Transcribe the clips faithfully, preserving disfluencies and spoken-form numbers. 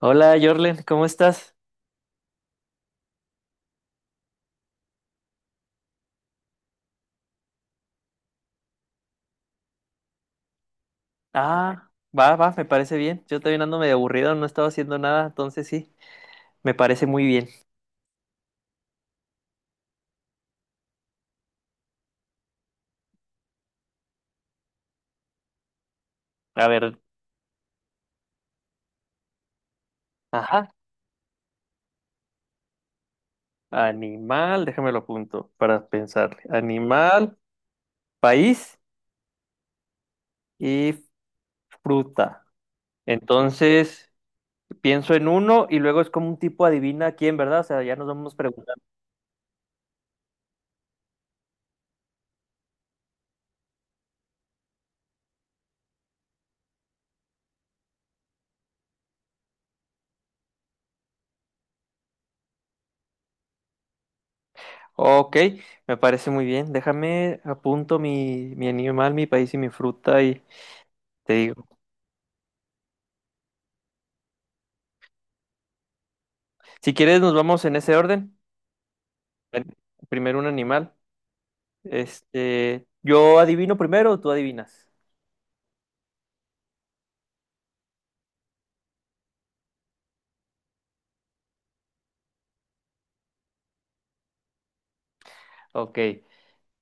Hola, Jorlen, ¿cómo estás? Ah, va, va, me parece bien. Yo también ando medio aburrido, no estaba haciendo nada, entonces sí, me parece muy bien. A ver, ajá, animal, déjame lo apunto para pensar. Animal, país y fruta. Entonces, pienso en uno y luego es como un tipo adivina quién, ¿verdad? O sea, ya nos vamos preguntando. Ok, me parece muy bien. Déjame apunto mi, mi animal, mi país y mi fruta y te digo. Si quieres, nos vamos en ese orden. Bueno, primero un animal. Este, yo adivino primero o tú adivinas. Ok.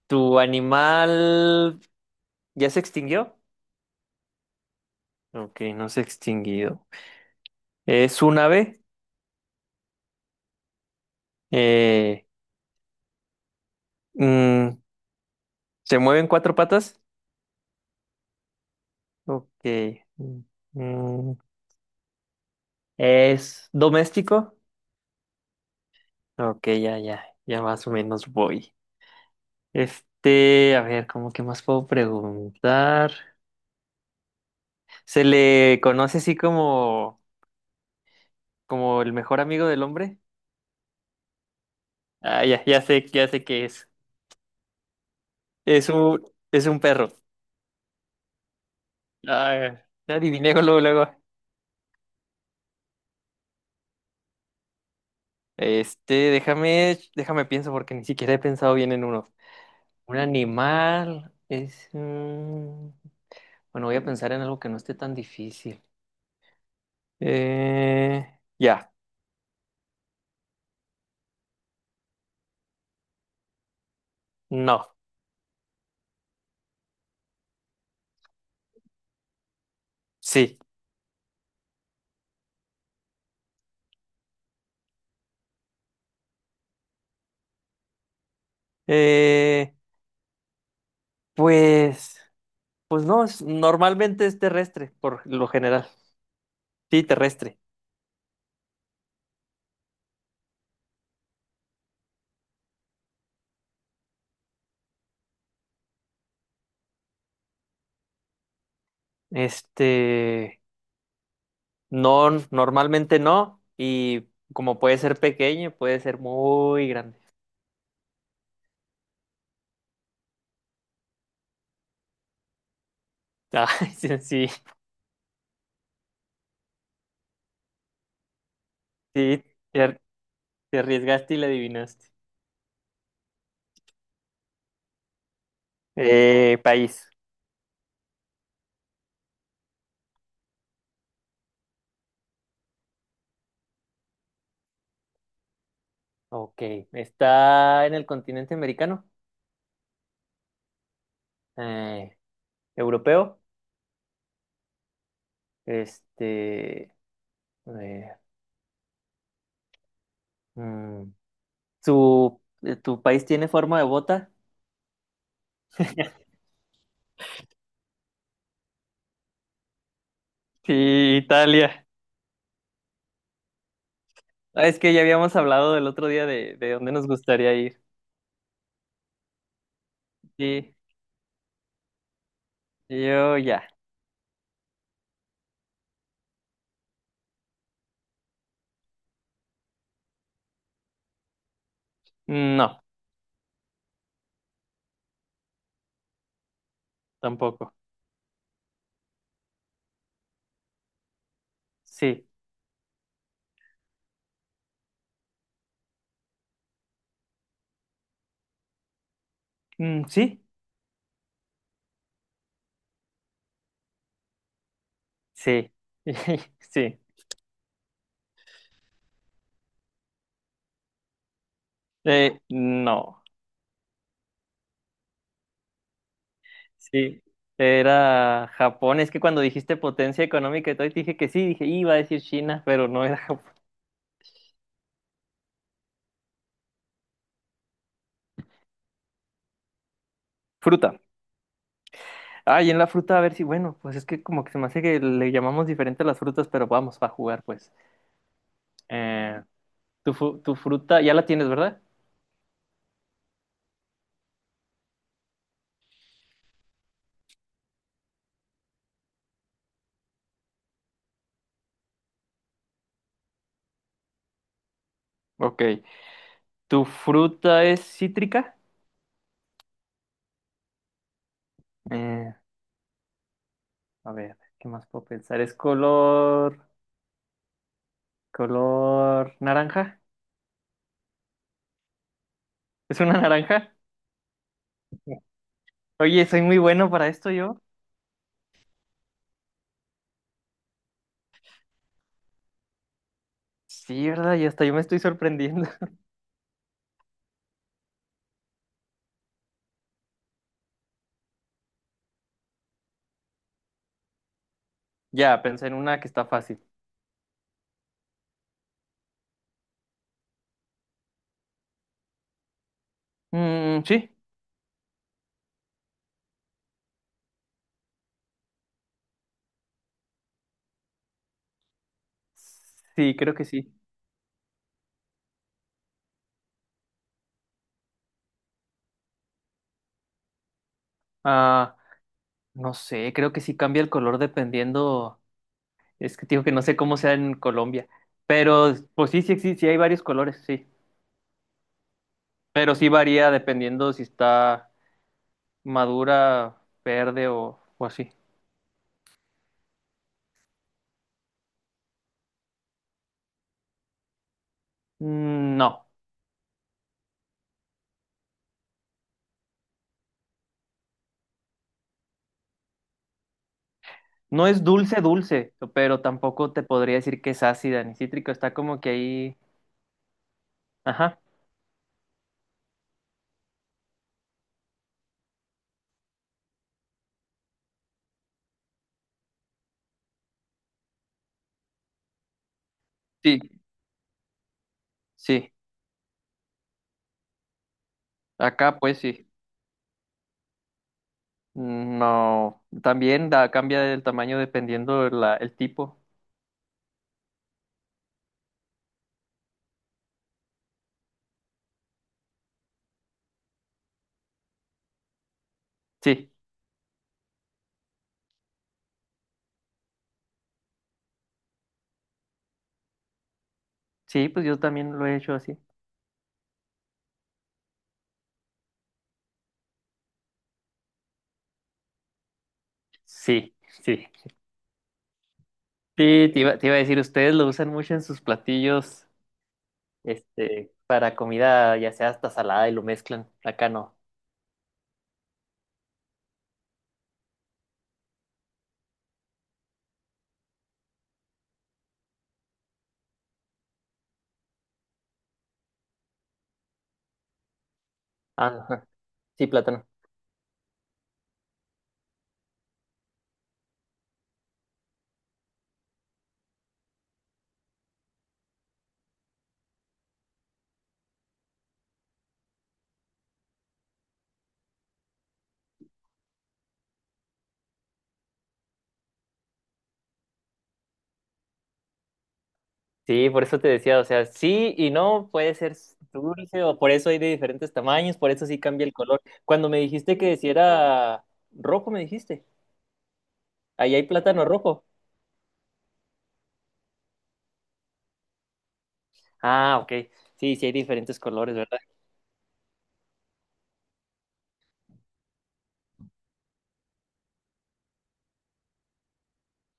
¿Tu animal ya se extinguió? Ok, no se ha extinguido. ¿Es un ave? Eh, mm, ¿se mueve en cuatro patas? Ok. Mm, mm, ¿es doméstico? Ok, ya, ya, ya más o menos voy. Este, a ver, ¿cómo que más puedo preguntar? ¿Se le conoce así como, como el mejor amigo del hombre? Ah, ya, ya sé, ya sé qué es. Es un, es un perro. Ah, ya adiviné luego, luego. Este, déjame, déjame pienso porque ni siquiera he pensado bien en uno. Un animal es... mm, bueno, voy a pensar en algo que no esté tan difícil. Eh, ya, no, sí. Eh, pues, pues no, es- normalmente es terrestre, por lo general. Sí, terrestre. Este... No, normalmente no. Y como puede ser pequeño, puede ser muy grande. Ay, sí, sí, sí, te ar- te arriesgaste y le adivinaste. Eh, país. Ok. ¿Está en el continente americano? Eh, ¿europeo? Este. eh, mm, ¿su- eh, ¿tu país tiene forma de bota? Sí, Italia. Ah, es que ya habíamos hablado del otro día de, de dónde nos gustaría ir. Sí, yo ya. No, tampoco. Sí. Mm, ¿sí? Sí. Sí. Eh, no. Sí. Era Japón. Es que cuando dijiste potencia económica y todo, y te dije que sí, dije, iba a decir China, pero no era Japón. Fruta. Ah, y en la fruta, a ver si, bueno, pues es que como que se me hace que le llamamos diferente a las frutas, pero vamos, va a jugar, pues. Eh, tu, fu- tu fruta, ya la tienes, ¿verdad? Ok. ¿Tu fruta es cítrica? Eh, a ver, ¿qué más puedo pensar? ¿Es color, color naranja? ¿Es una naranja? Oye, soy muy bueno para esto yo. Sí, ¿verdad? Y hasta yo me estoy sorprendiendo. Ya, pensé en una que está fácil. Mm, sí. Sí, creo que sí. Ah, no sé, creo que sí cambia el color dependiendo. Es que te digo que no sé cómo sea en Colombia. Pero, pues sí, sí, sí, sí hay varios colores, sí. Pero sí varía dependiendo si está madura, verde o, o así. Mm, no. No es dulce, dulce, pero tampoco te podría decir que es ácida ni cítrico. Está como que ahí. Ajá. Sí, sí. Acá, pues sí. No. También da, cambia el tamaño dependiendo la, el tipo. Sí, sí, pues yo también lo he hecho así. Sí, sí. Sí, te iba, te iba a decir, ustedes lo usan mucho en sus platillos, este, para comida, ya sea hasta salada y lo mezclan. Acá no. Ah, ajá. Sí, plátano. Sí, por eso te decía, o sea, sí y no, puede ser dulce, o por eso hay de diferentes tamaños, por eso sí cambia el color. Cuando me dijiste que si era rojo, me dijiste, ahí hay plátano rojo. Ah, ok, sí, sí hay diferentes colores, ¿verdad?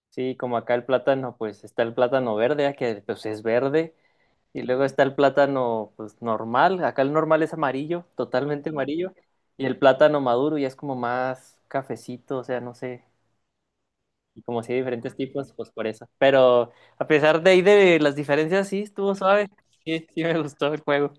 Sí, como acá el plátano, pues está el plátano verde, ah, que pues es verde, y luego está el plátano, pues normal, acá el normal es amarillo, totalmente amarillo, y el plátano maduro ya es como más cafecito, o sea, no sé. Y como si hay diferentes tipos, pues por eso. Pero a pesar de ahí de las diferencias, sí, estuvo suave. Sí, sí me gustó el juego.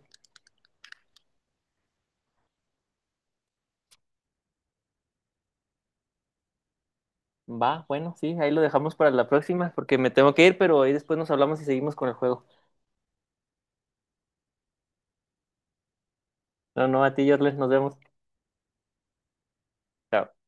Va, bueno, sí, ahí lo dejamos para la próxima, porque me tengo que ir, pero ahí después nos hablamos y seguimos con el juego. No, no, a ti, Jorles, nos vemos. Chao.